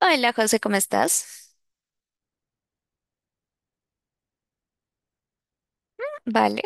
Hola José, ¿cómo estás? Vale,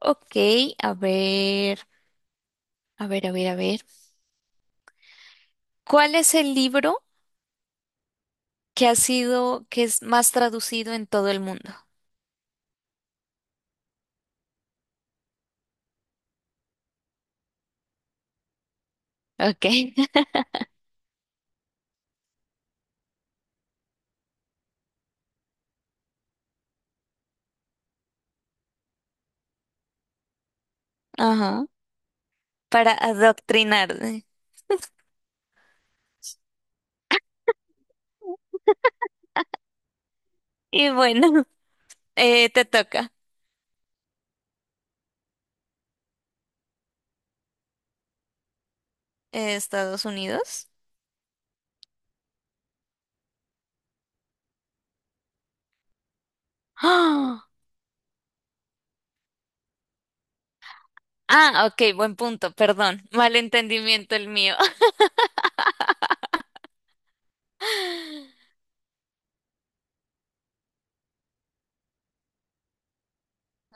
ok, a ver, a ver, a ver, a ver. ¿Cuál es el libro que es más traducido en todo el mundo? Ok, ajá, para adoctrinarme. Y bueno, te toca. Estados Unidos. ¡Ah! Ah, ok, buen punto, perdón, malentendimiento el mío.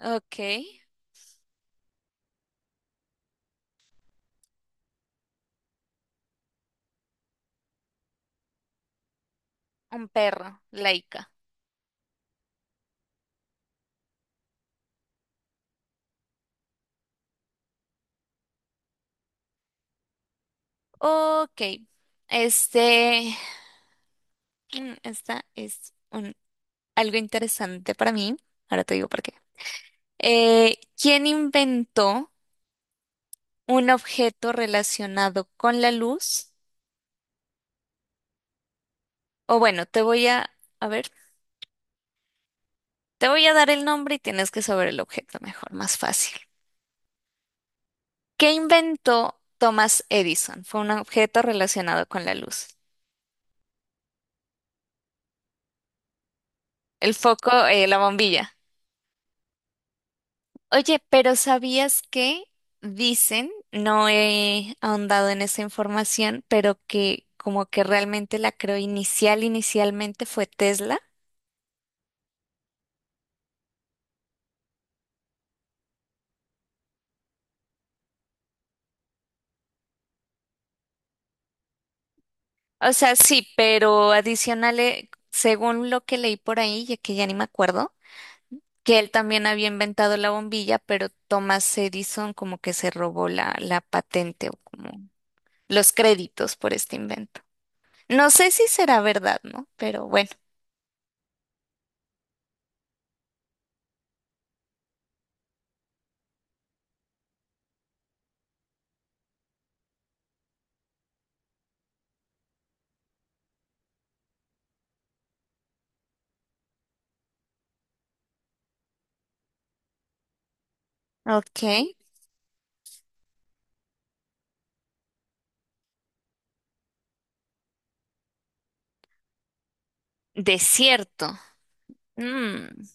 Ok, un perro, laica. Ok, este, mm, algo interesante para mí. Ahora te digo por qué. ¿Quién inventó un objeto relacionado con la luz? O bueno, a ver, te voy a dar el nombre y tienes que saber el objeto mejor, más fácil. ¿Qué inventó Thomas Edison? Fue un objeto relacionado con la luz. El foco, la bombilla. Oye, pero ¿sabías que dicen, no he ahondado en esa información, pero que como que realmente la creo inicialmente fue Tesla? O sea, sí, pero adicional, según lo que leí por ahí, ya que ya ni me acuerdo, que él también había inventado la bombilla, pero Thomas Edison como que se robó la patente o como los créditos por este invento. No sé si será verdad, ¿no? Pero bueno, ok. Desierto. Mm,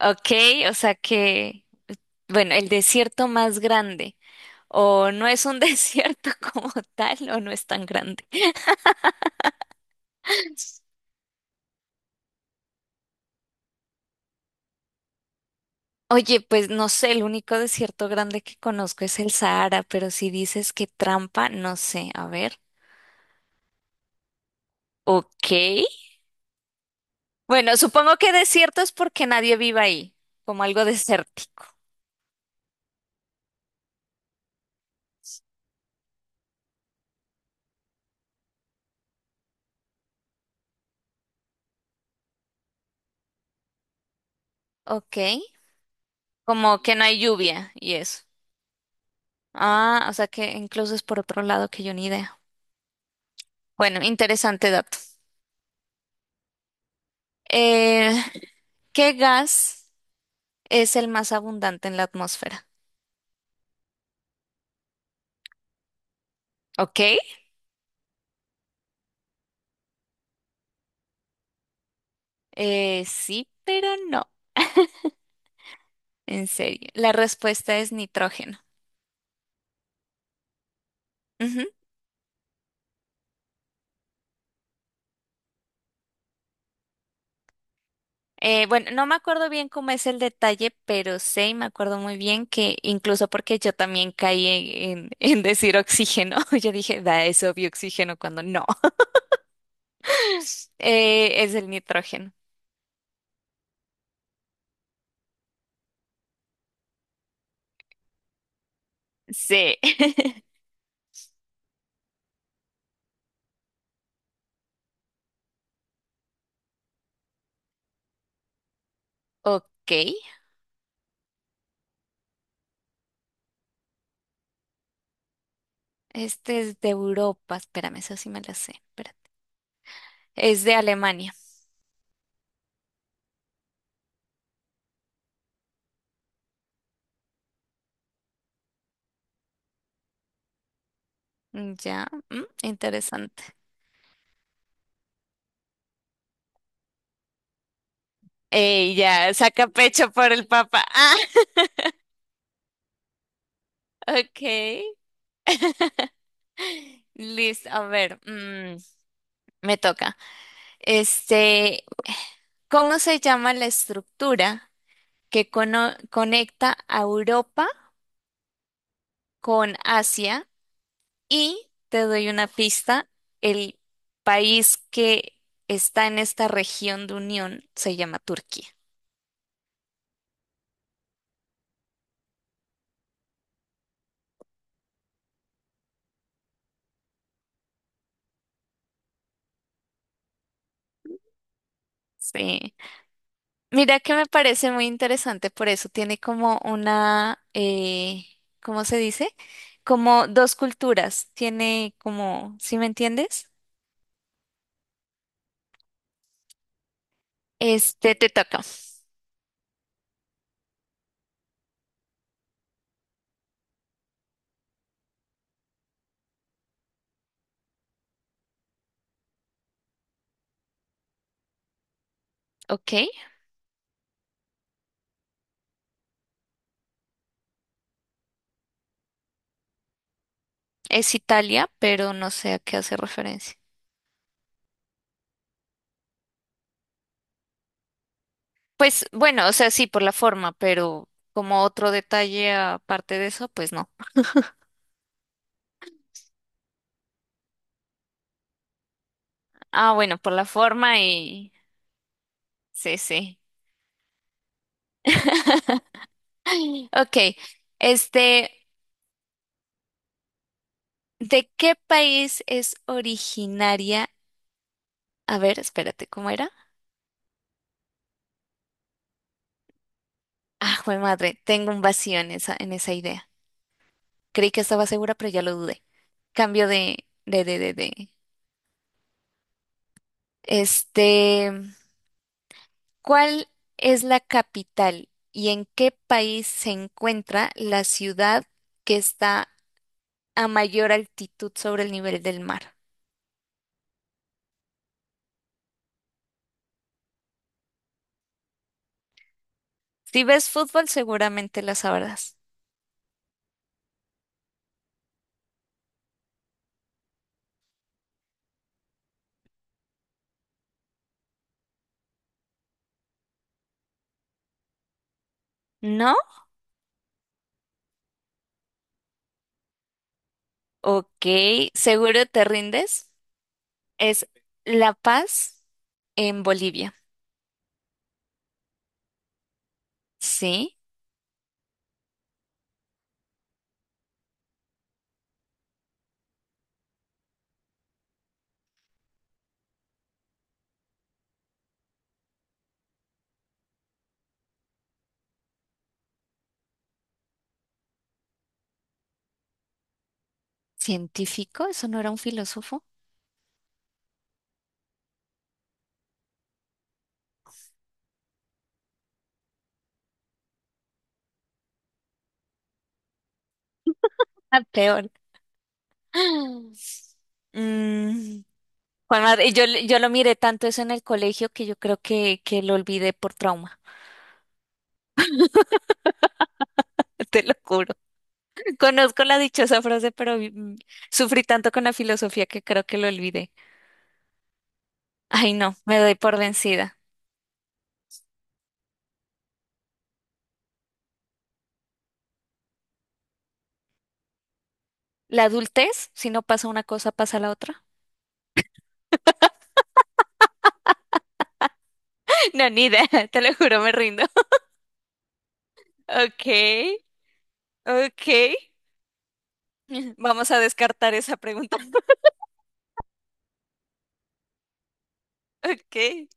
ok, o sea que, bueno, el desierto más grande, o no es un desierto como tal, o no es tan grande. Oye, pues no sé, el único desierto grande que conozco es el Sahara, pero si dices que trampa, no sé, a ver. Ok. Bueno, supongo que desierto es porque nadie vive ahí, como algo desértico. Ok. Como que no hay lluvia y eso. Ah, o sea que incluso es por otro lado que yo ni idea. Bueno, interesante dato. Eh, ¿Qué gas es el más abundante en la atmósfera? Ok, sí, pero no, en serio. La respuesta es nitrógeno. Ujú. Bueno, no me acuerdo bien cómo es el detalle, pero sé y me acuerdo muy bien que incluso porque yo también caí en decir oxígeno, yo dije, da, es obvio oxígeno cuando no, es el nitrógeno. Sí. Ok, este es de Europa, espérame, eso sí me lo sé, espérate. Es de Alemania. Mm, ya, mm, interesante. Ey, ya, saca pecho por el papá. Ah, ok. Listo, a ver, mm, me toca. Este, ¿cómo se llama la estructura que conecta a Europa con Asia? Y te doy una pista, el país que está en esta región de unión se llama Turquía. Sí. Mira que me parece muy interesante, por eso tiene como una, ¿cómo se dice? Como dos culturas, tiene como, ¿sí me entiendes? Este te toca, ¿ok? Es Italia, pero no sé a qué hace referencia. Pues bueno, o sea, sí, por la forma, pero como otro detalle aparte de eso, pues no. Ah, bueno, por la forma y... Sí, sí. Ok, este, ¿de qué país es originaria? A ver, espérate, ¿cómo era? Ah, jue madre, tengo un vacío en esa idea. Creí que estaba segura, pero ya lo dudé. Cambio de. Este, ¿cuál es la capital y en qué país se encuentra la ciudad que está a mayor altitud sobre el nivel del mar? Si ves fútbol, seguramente la sabrás. ¿No? Ok, ¿seguro te rindes? Es La Paz en Bolivia. Sí. ¿Científico? ¿Eso no era un filósofo? Ah, peor. Mm, yo lo miré tanto eso en el colegio que yo creo que lo olvidé por trauma. Te lo juro. Conozco la dichosa frase, pero mm, sufrí tanto con la filosofía que creo que lo olvidé. Ay, no, me doy por vencida. La adultez, si no pasa una cosa, pasa la otra. No, ni idea, te lo juro, me rindo. Ok, ok. Vamos a descartar esa pregunta. Ok.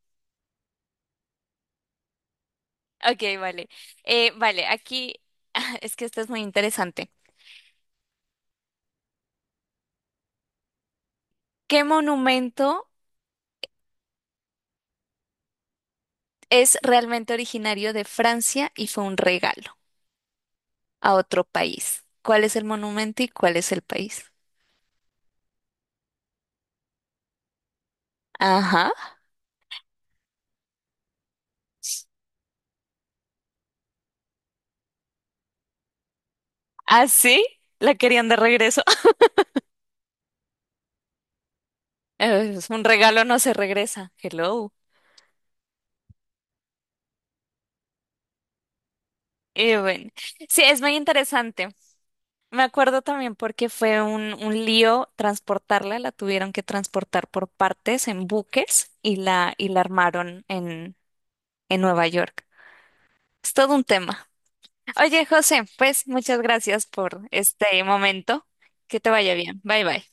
Ok, vale. Vale, aquí es que esto es muy interesante. ¿Qué monumento es realmente originario de Francia y fue un regalo a otro país? ¿Cuál es el monumento y cuál es el país? Ajá. ¿Ah, sí? La querían de regreso. Es un regalo, no se regresa. Hello. Bueno. Sí, es muy interesante. Me acuerdo también porque fue un lío transportarla, la tuvieron que transportar por partes en buques y y la armaron en Nueva York. Es todo un tema. Oye, José, pues muchas gracias por este momento. Que te vaya bien. Bye bye.